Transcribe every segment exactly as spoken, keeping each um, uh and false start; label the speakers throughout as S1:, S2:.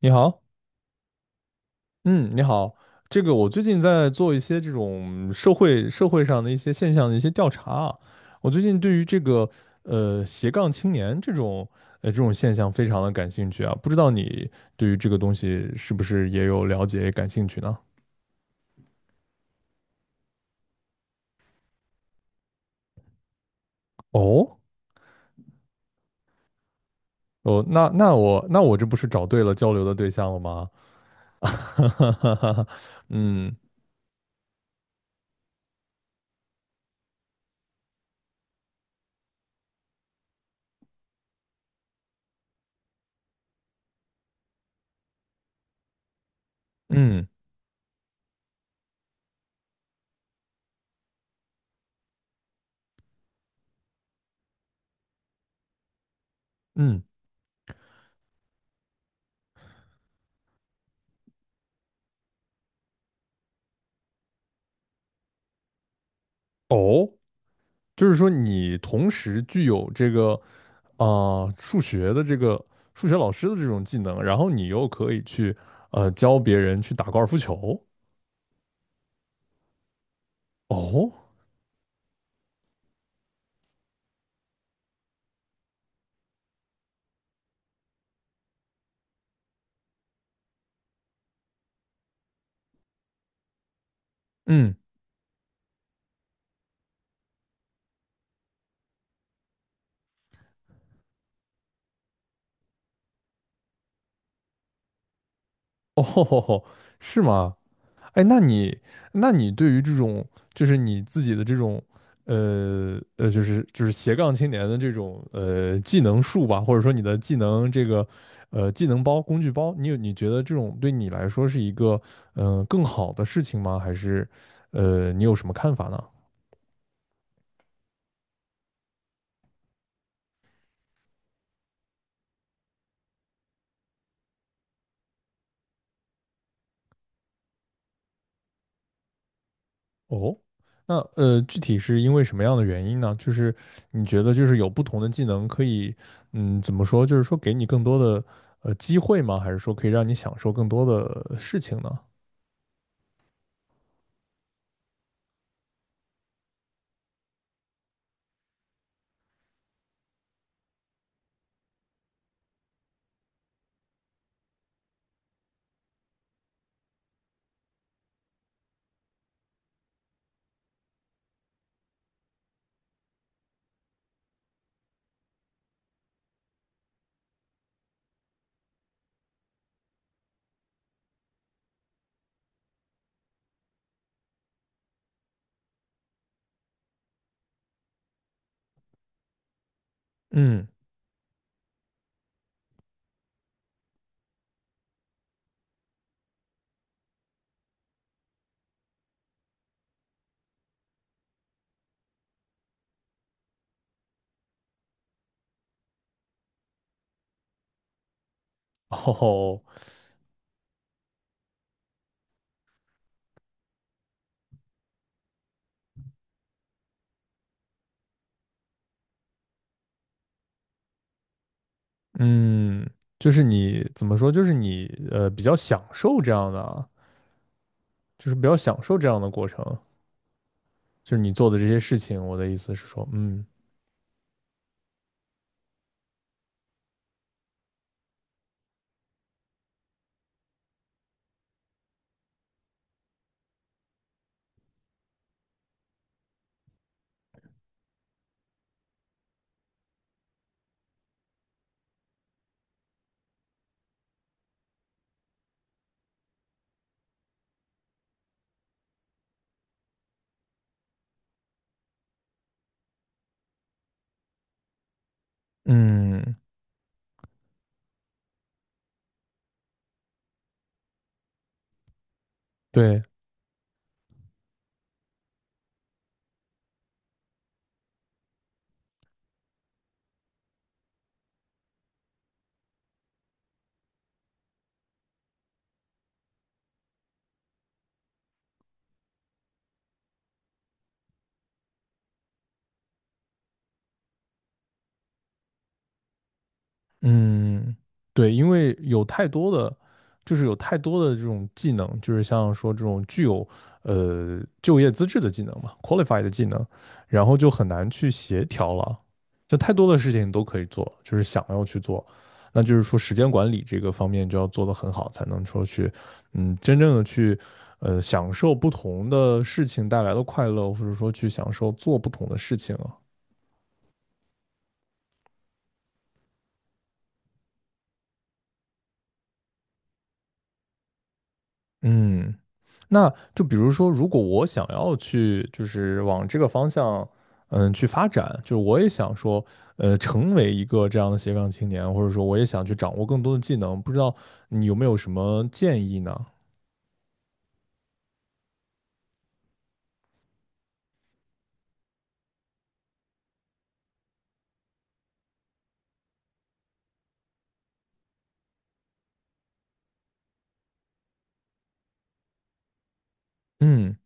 S1: 你好。嗯，你好。这个我最近在做一些这种社会社会上的一些现象的一些调查啊。我最近对于这个呃斜杠青年这种呃这种现象非常的感兴趣啊。不知道你对于这个东西是不是也有了解感兴趣呢？哦。哦，那那我那我这不是找对了交流的对象了吗？哈哈哈哈。嗯嗯嗯。哦。就是说你同时具有这个啊、呃数学的这个数学老师的这种技能，然后你又可以去呃教别人去打高尔夫球。哦。嗯。哦吼吼。是吗？哎，那你，那你对于这种，就是你自己的这种，呃呃，就是就是斜杠青年的这种呃技能树吧，或者说你的技能这个呃技能包、工具包，你有你觉得这种对你来说是一个嗯呃更好的事情吗？还是呃你有什么看法呢？哦。那呃，具体是因为什么样的原因呢？就是你觉得就是有不同的技能可以，嗯，怎么说？就是说给你更多的呃机会吗？还是说可以让你享受更多的事情呢？嗯。哦。嗯，就是你怎么说？就是你呃比较享受这样的啊，就是比较享受这样的过程，就是你做的这些事情。我的意思是说。嗯嗯，对。嗯，对，因为有太多的，就是有太多的这种技能，就是像说这种具有呃就业资质的技能嘛，qualified 的技能，然后就很难去协调了，就太多的事情你都可以做，就是想要去做，那就是说时间管理这个方面就要做得很好，才能说去嗯真正的去呃享受不同的事情带来的快乐，或者说去享受做不同的事情啊。嗯那就比如说，如果我想要去，就是往这个方向，嗯，去发展，就是我也想说，呃，成为一个这样的斜杠青年，或者说我也想去掌握更多的技能，不知道你有没有什么建议呢？嗯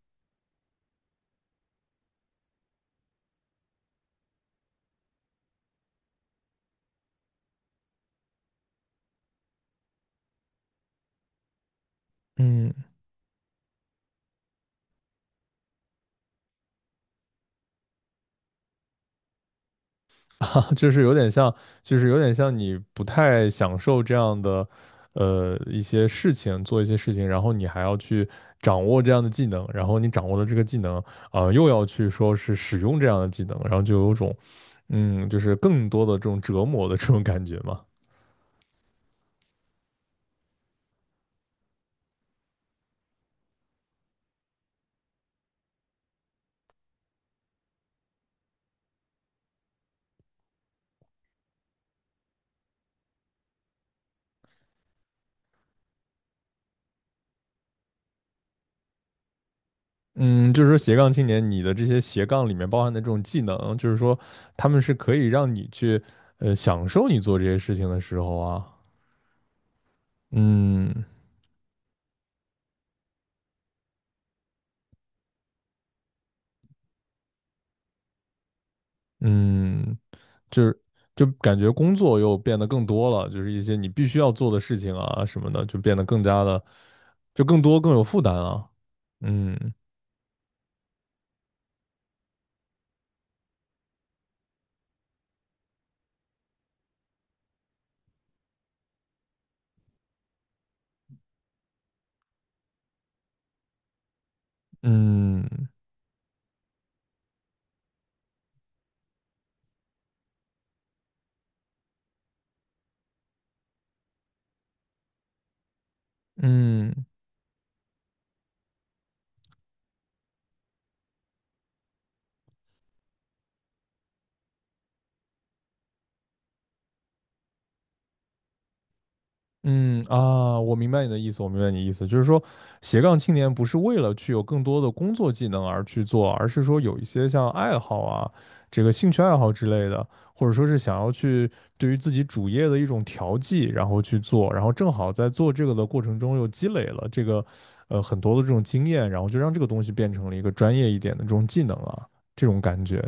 S1: 嗯。 就是有点像，就是有点像你不太享受这样的，呃，一些事情，做一些事情，然后你还要去掌握这样的技能，然后你掌握了这个技能，啊、又要去说是使用这样的技能，然后就有种，嗯，就是更多的这种折磨的这种感觉嘛。嗯。就是说斜杠青年，你的这些斜杠里面包含的这种技能，就是说他们是可以让你去，呃，享受你做这些事情的时候啊。嗯嗯。就是就感觉工作又变得更多了，就是一些你必须要做的事情啊什么的，就变得更加的就更多更有负担了。嗯嗯嗯嗯啊，我明白你的意思，我明白你的意思，就是说，斜杠青年不是为了去有更多的工作技能而去做，而是说有一些像爱好啊，这个兴趣爱好之类的，或者说是想要去对于自己主业的一种调剂，然后去做，然后正好在做这个的过程中又积累了这个呃很多的这种经验，然后就让这个东西变成了一个专业一点的这种技能啊，这种感觉。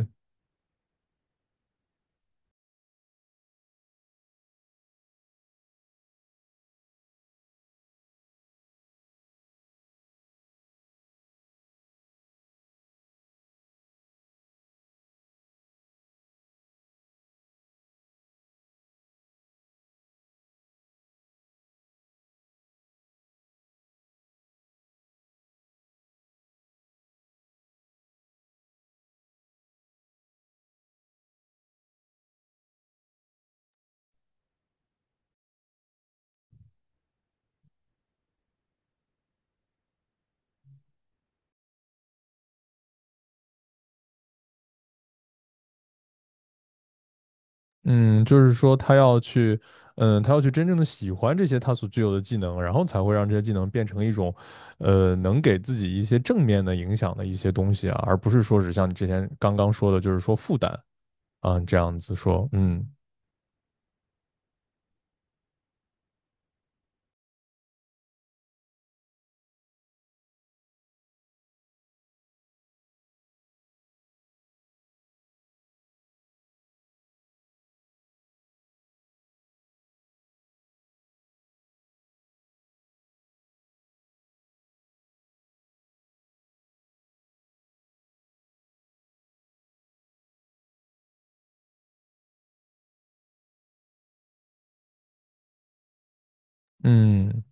S1: 嗯，就是说他要去，嗯，他要去真正的喜欢这些他所具有的技能，然后才会让这些技能变成一种，呃，能给自己一些正面的影响的一些东西啊，而不是说是像你之前刚刚说的，就是说负担啊，这样子说。嗯嗯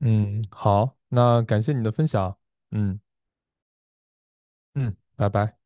S1: 嗯。好，那感谢你的分享。嗯嗯。拜拜。